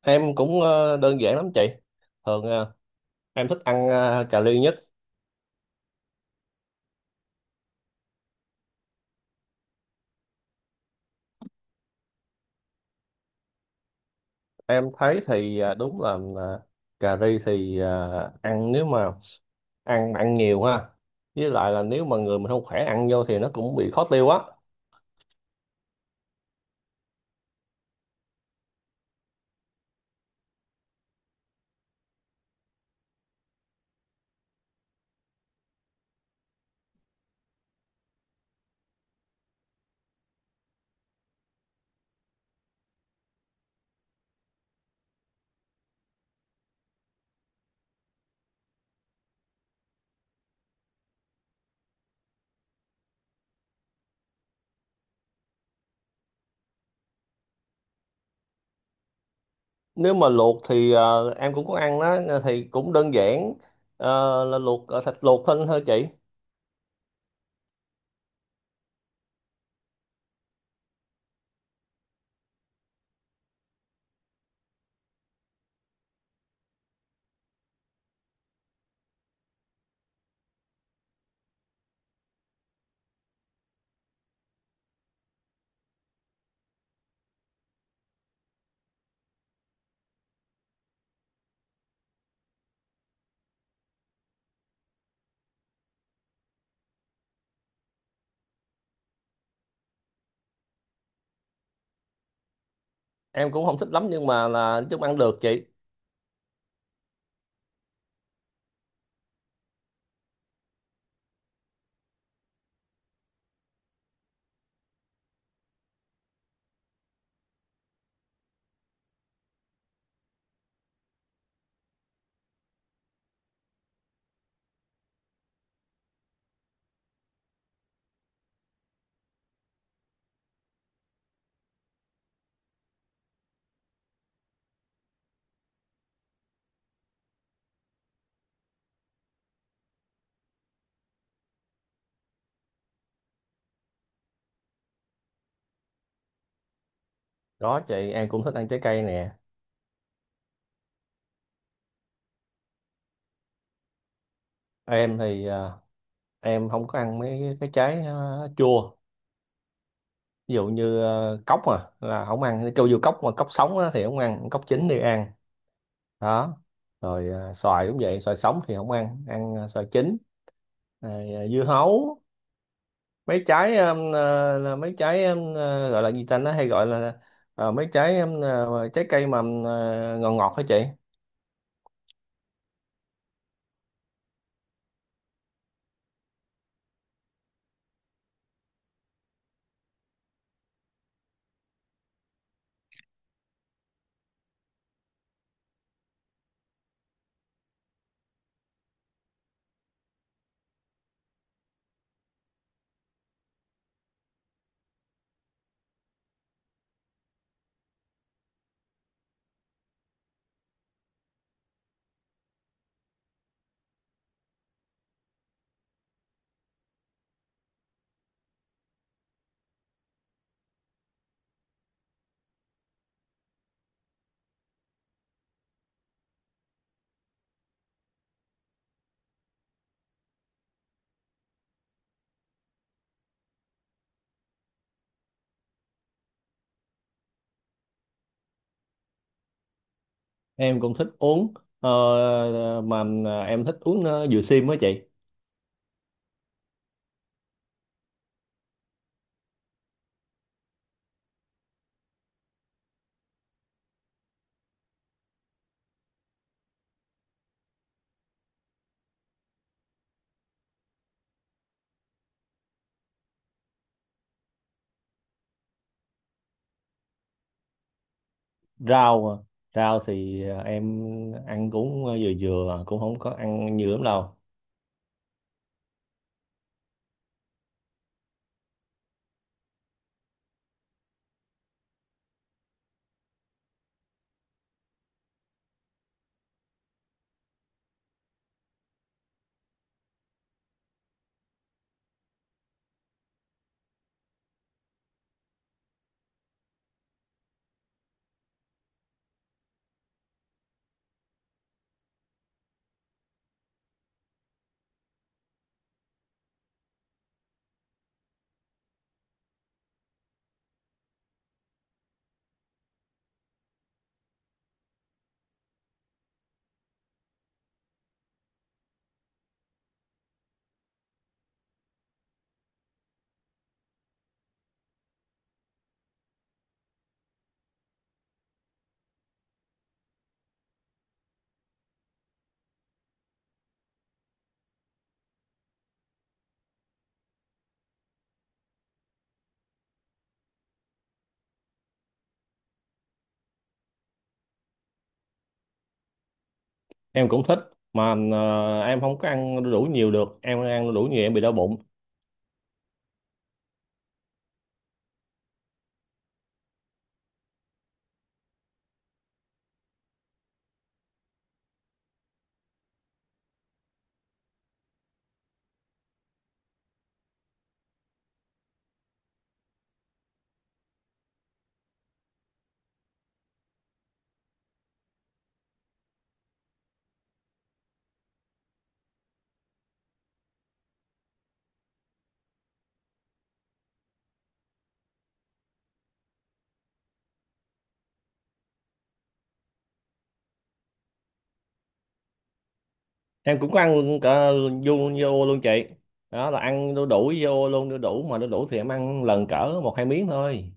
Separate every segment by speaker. Speaker 1: Em cũng đơn giản lắm chị. Thường em thích ăn cà ri nhất. Em thấy thì đúng là ờ, cà ri thì ăn nếu mà ăn ăn nhiều ha. Với lại là nếu mà người mình không khỏe ăn vô thì nó cũng bị khó tiêu á. Nếu mà luộc thì em cũng có ăn đó thì cũng đơn giản. Là luộc thịt luộc thôi thôi chị. Em cũng không thích lắm nhưng mà là chúng ăn được chị. Đó chị, em cũng thích ăn trái cây nè. Em thì em không có ăn mấy cái trái chua, ví dụ như cốc mà là không ăn, kêu vô cốc mà, cốc sống á thì không ăn, cốc chín thì ăn đó. Rồi xoài cũng vậy, xoài sống thì không ăn, ăn xoài chín. Rồi dưa hấu, mấy trái là mấy trái gọi là gì ta, nó hay gọi là mấy trái trái cây mà ngọt ngọt hả chị? Em cũng thích uống, ờ, mà em thích uống dừa sim á chị. Rau à. Rau thì em ăn cũng vừa vừa, cũng không có ăn nhiều lắm đâu. Em cũng thích, mà em không có ăn đu đủ nhiều được, em ăn đu đủ nhiều em bị đau bụng. Em cũng có ăn, cả vô, vô luôn chị. Đó là ăn đu đủ vô luôn, đu đủ mà, đu đủ thì em ăn lần cỡ một hai miếng thôi.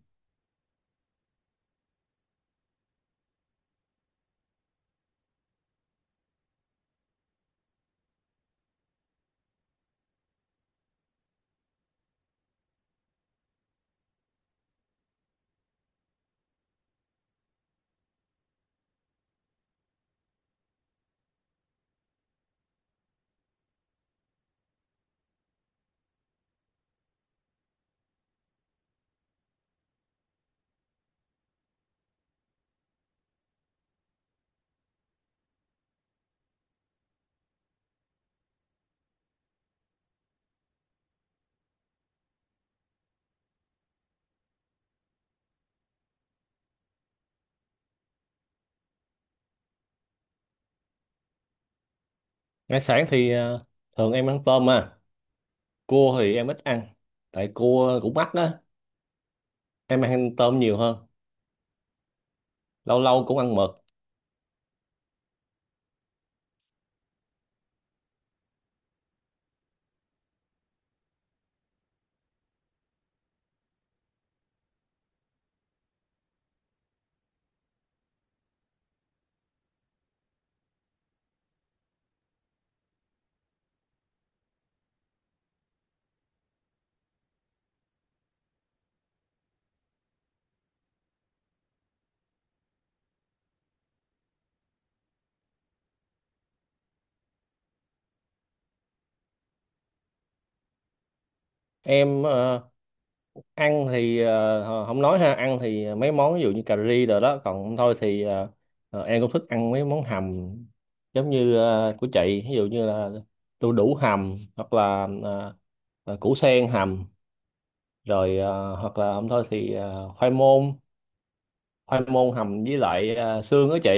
Speaker 1: Ngày sáng thì thường em ăn tôm à, cua thì em ít ăn, tại cua cũng mắc đó, em ăn tôm nhiều hơn, lâu lâu cũng ăn mực. Em ăn thì không nói ha, ăn thì mấy món ví dụ như cà ri rồi đó, còn thôi thì em cũng thích ăn mấy món hầm, giống như của chị, ví dụ như là đu đủ hầm, hoặc là củ sen hầm, rồi hoặc là không thôi thì khoai môn, khoai môn hầm với lại xương đó chị.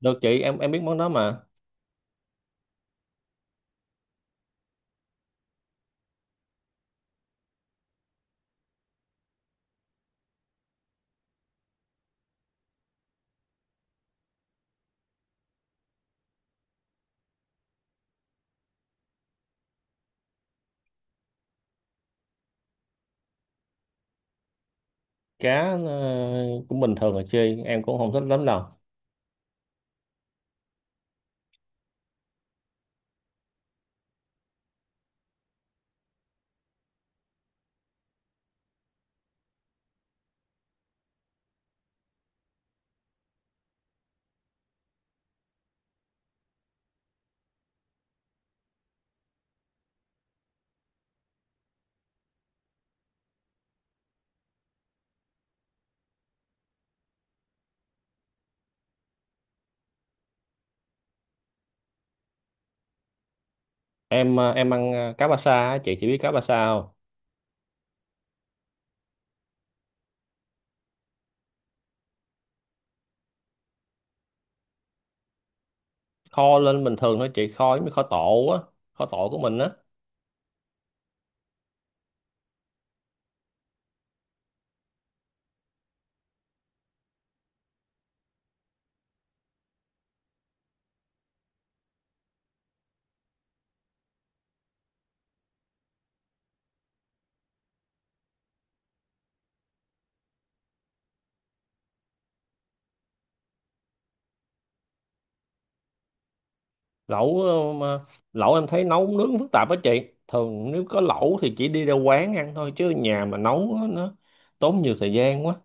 Speaker 1: Được chị, em biết món đó mà. Cá cũng bình thường là chơi, em cũng không thích lắm đâu. Em em ăn cá ba sa á chị, chỉ biết cá ba sa không? Kho lên bình thường thôi chị, kho giống như kho tộ á, kho tộ của mình á. Lẩu mà lẩu em thấy nấu nướng phức tạp á chị, thường nếu có lẩu thì chỉ đi ra quán ăn thôi, chứ nhà mà nấu á, nó tốn nhiều thời gian quá.